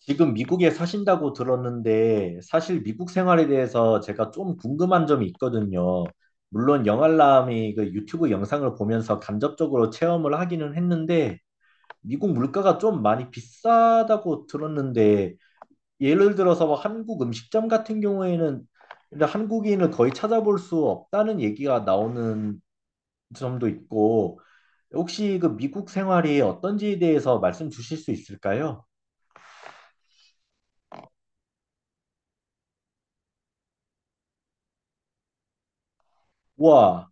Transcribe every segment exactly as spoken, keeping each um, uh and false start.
지금 미국에 사신다고 들었는데 사실 미국 생활에 대해서 제가 좀 궁금한 점이 있거든요. 물론 영알람이 그 유튜브 영상을 보면서 간접적으로 체험을 하기는 했는데 미국 물가가 좀 많이 비싸다고 들었는데 예를 들어서 뭐 한국 음식점 같은 경우에는 근데 한국인을 거의 찾아볼 수 없다는 얘기가 나오는 점도 있고 혹시 그 미국 생활이 어떤지에 대해서 말씀 주실 수 있을까요? 와,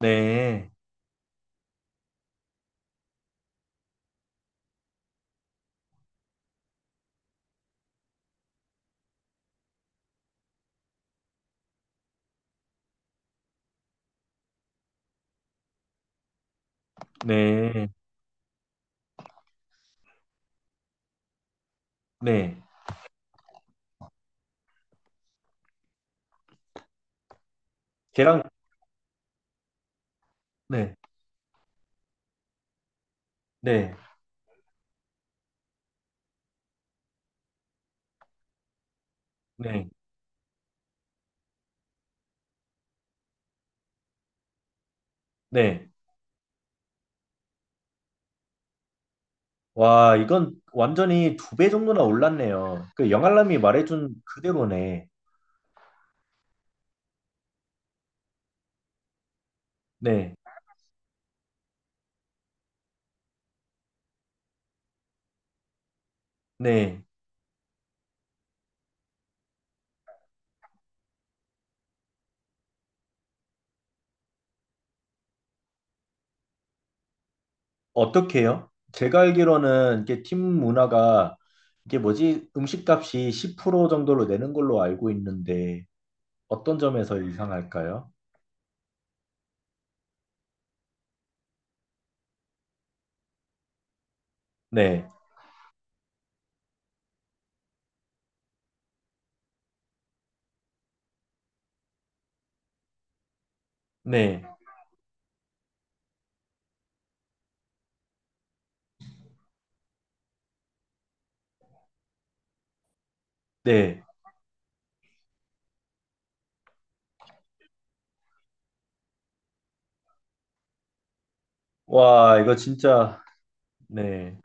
네. 네, 네. 계랑 네, 네, 네, 네. 와, 이건 완전히 두 배 정도나 올랐네요. 그 영알람이 말해준 그대로네. 네, 네. 어떻게요? 제가 알기로는 이게 팀 문화가 이게 뭐지? 음식값이 십 퍼센트 정도로 내는 걸로 알고 있는데 어떤 점에서 이상할까요? 네, 네, 네. 와, 이거 진짜, 네.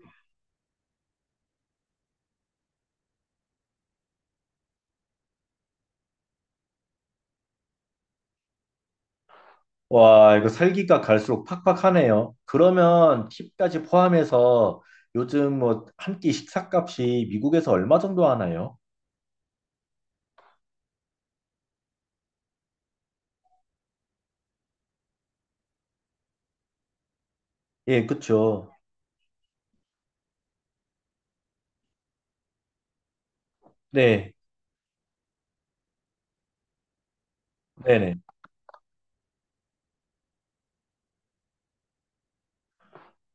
와, 이거 살기가 갈수록 팍팍하네요. 그러면 팁까지 포함해서 요즘 뭐 한 끼 식사값이 미국에서 얼마 정도 하나요? 예, 그쵸. 네, 네네.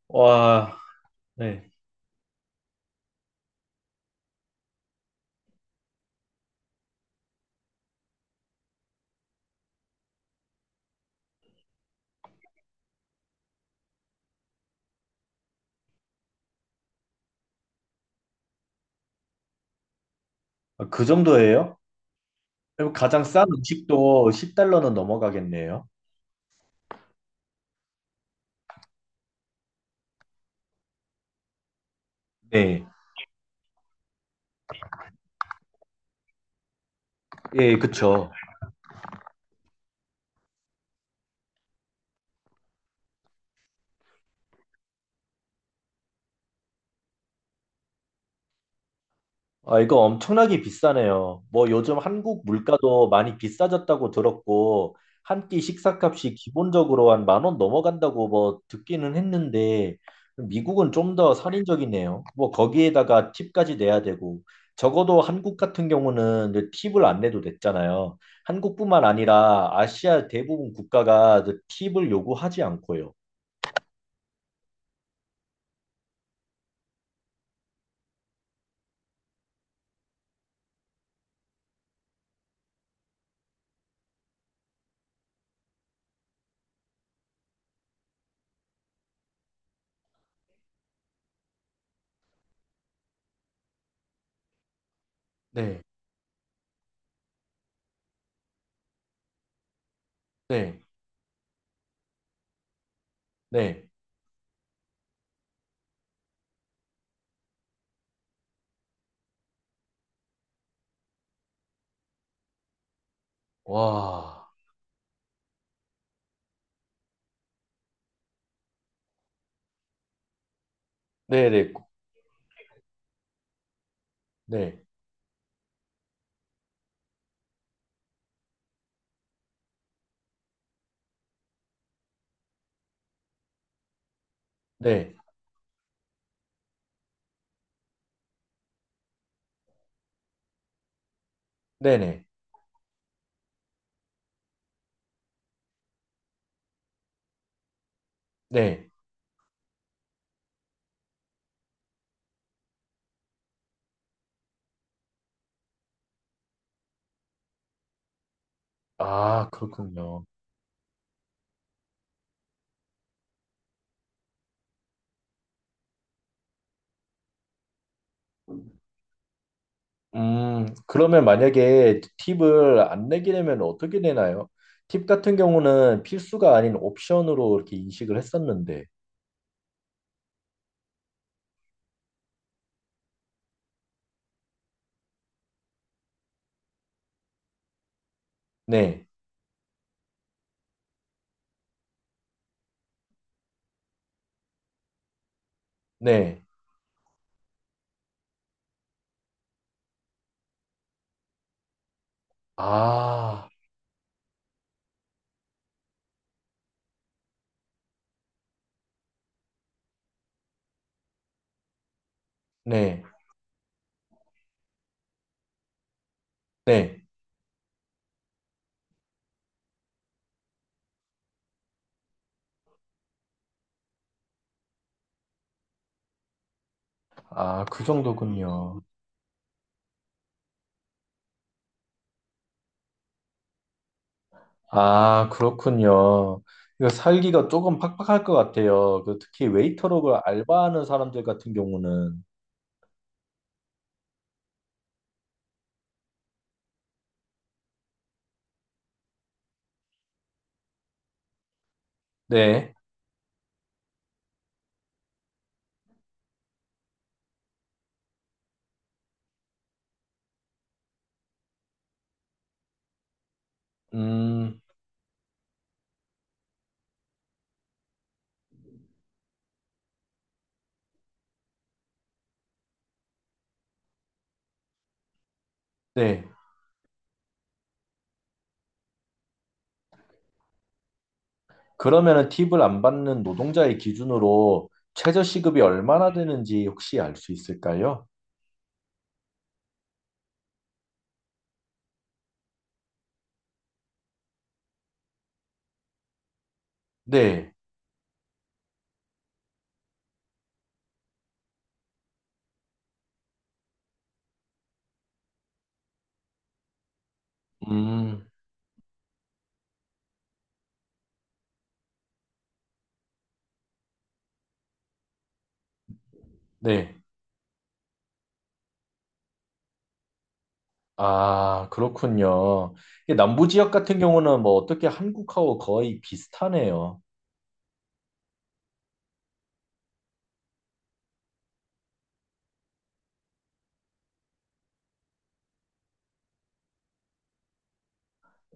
와, 네. 아, 그 정도예요? 그럼 가장 싼 음식도 십 달러는 넘어가겠네요. 네, 예, 그쵸. 아, 이거 엄청나게 비싸네요. 뭐 요즘 한국 물가도 많이 비싸졌다고 들었고, 한 끼 식사값이 기본적으로 한 만 원 넘어간다고 뭐 듣기는 했는데, 미국은 좀 더 살인적이네요. 뭐 거기에다가 팁까지 내야 되고, 적어도 한국 같은 경우는 이제 팁을 안 내도 됐잖아요. 한국뿐만 아니라 아시아 대부분 국가가 이제 팁을 요구하지 않고요. 네, 네, 네. 와, 네네, 네, 네, 네, 네. 네. 아, 그렇군요. 음, 그러면 만약에 팁을 안 내게 되면 어떻게 되나요? 팁 같은 경우는 필수가 아닌 옵션으로 이렇게 인식을 했었는데. 네, 네. 아, 네, 네. 아, 그 정도군요. 아, 그렇군요. 이거 살기가 조금 팍팍할 것 같아요. 그 특히 웨이터로 그 알바하는 사람들 같은 경우는. 네, 음, 네. 그러면은 팁을 안 받는 노동자의 기준으로 최저 시급이 얼마나 되는지 혹시 알 수 있을까요? 네. 음, 네. 아, 그렇군요. 이게 남부 지역 같은 경우는 뭐 어떻게 한국하고 거의 비슷하네요.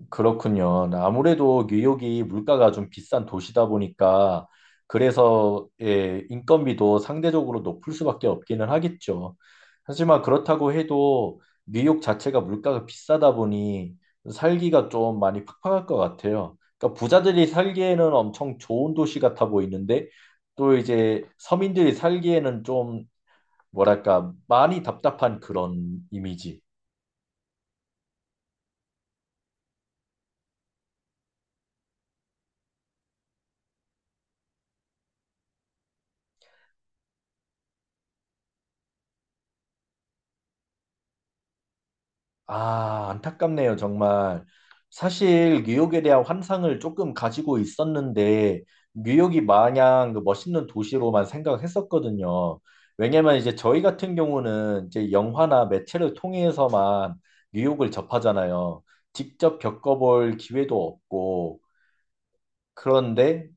그렇군요. 아무래도 뉴욕이 물가가 좀 비싼 도시다 보니까 그래서 예, 인건비도 상대적으로 높을 수밖에 없기는 하겠죠. 하지만 그렇다고 해도 뉴욕 자체가 물가가 비싸다 보니 살기가 좀 많이 팍팍할 것 같아요. 그러니까 부자들이 살기에는 엄청 좋은 도시 같아 보이는데 또 이제 서민들이 살기에는 좀 뭐랄까 많이 답답한 그런 이미지. 아, 안타깝네요, 정말. 사실 뉴욕에 대한 환상을 조금 가지고 있었는데 뉴욕이 마냥 그 멋있는 도시로만 생각했었거든요. 왜냐면 이제 저희 같은 경우는 이제 영화나 매체를 통해서만 뉴욕을 접하잖아요. 직접 겪어볼 기회도 없고 그런데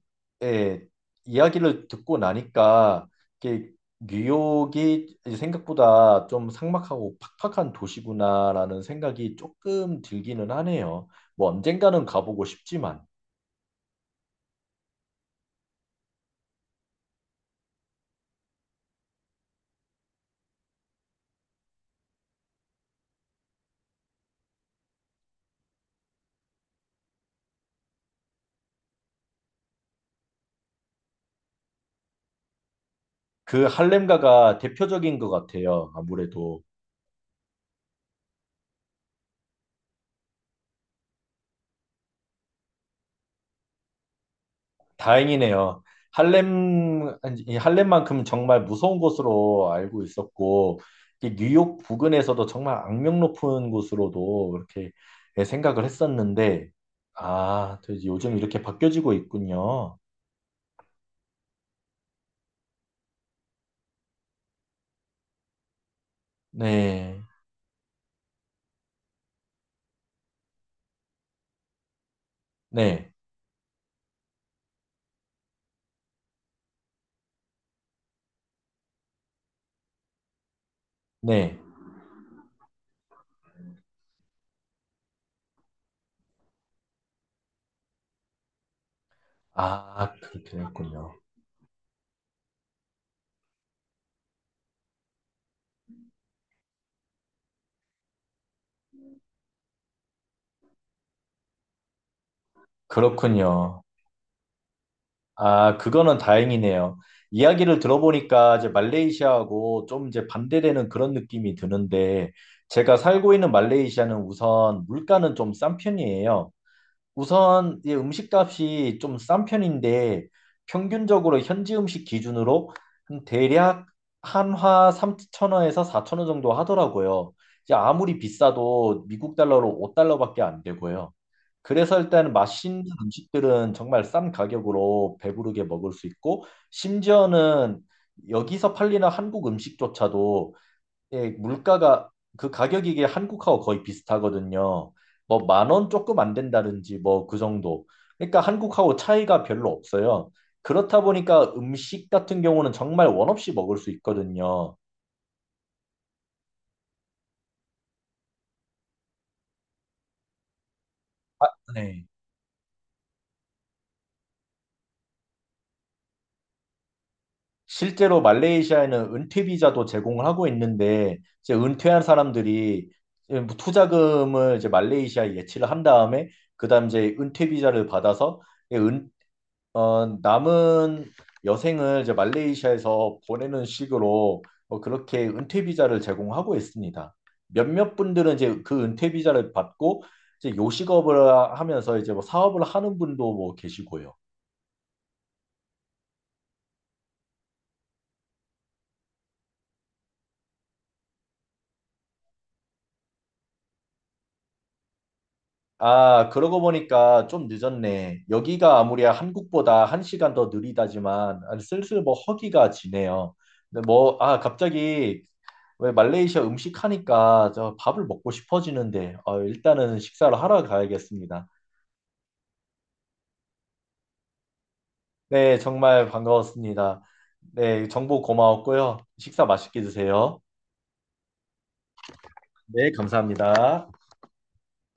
예, 이야기를 듣고 나니까 이게 뉴욕이 이제 생각보다 좀 삭막하고 팍팍한 도시구나라는 생각이 조금 들기는 하네요. 뭐 언젠가는 가보고 싶지만 그 할렘가가 대표적인 것 같아요. 아무래도 다행이네요. 할렘, 이 할렘만큼 정말 무서운 곳으로 알고 있었고, 이 뉴욕 부근에서도 정말 악명 높은 곳으로도 이렇게 생각을 했었는데, 아, 또 이제 요즘 이렇게 바뀌어지고 있군요. 네, 네, 네. 아, 그렇게 됐군요. 그렇군요. 아, 그거는 다행이네요. 이야기를 들어보니까 이제 말레이시아하고 좀 이제 반대되는 그런 느낌이 드는데 제가 살고 있는 말레이시아는 우선 물가는 좀 싼 편이에요. 우선 이 음식값이 좀 싼 편인데 평균적으로 현지 음식 기준으로 한 대략 한화 삼천 원에서사천 원 정도 하더라고요. 이제 아무리 비싸도 미국 달러로 오 달러밖에 안 되고요. 그래서 일단 맛있는 음식들은 정말 싼 가격으로 배부르게 먹을 수 있고 심지어는 여기서 팔리는 한국 음식조차도 예, 물가가 그 가격이 이게 한국하고 거의 비슷하거든요. 뭐 만 원 조금 안 된다든지 뭐 그 정도. 그러니까 한국하고 차이가 별로 없어요. 그렇다 보니까 음식 같은 경우는 정말 원 없이 먹을 수 있거든요. 네. 실제로 말레이시아에는 은퇴 비자도 제공을 하고 있는데 이제 은퇴한 사람들이 이제 뭐 투자금을 이제 말레이시아에 예치를 한 다음에 그다음 이제 은퇴 비자를 받아서 예, 어, 남은 여생을 이제 말레이시아에서 보내는 식으로 어, 그렇게 은퇴 비자를 제공하고 있습니다. 몇몇 분들은 이제 그 은퇴 비자를 받고 이제 요식업을 하면서 이제 뭐 사업을 하는 분도 뭐 계시고요. 아, 그러고 보니까 좀 늦었네. 여기가 아무리 한국보다 한 시간 더 느리다지만 아, 슬슬 뭐 허기가 지네요. 근데 뭐, 아, 갑자기 왜 말레이시아 음식 하니까 저 밥을 먹고 싶어지는데 어, 일단은 식사를 하러 가야겠습니다. 네, 정말 반가웠습니다. 네, 정보 고마웠고요. 식사 맛있게 드세요. 네, 감사합니다.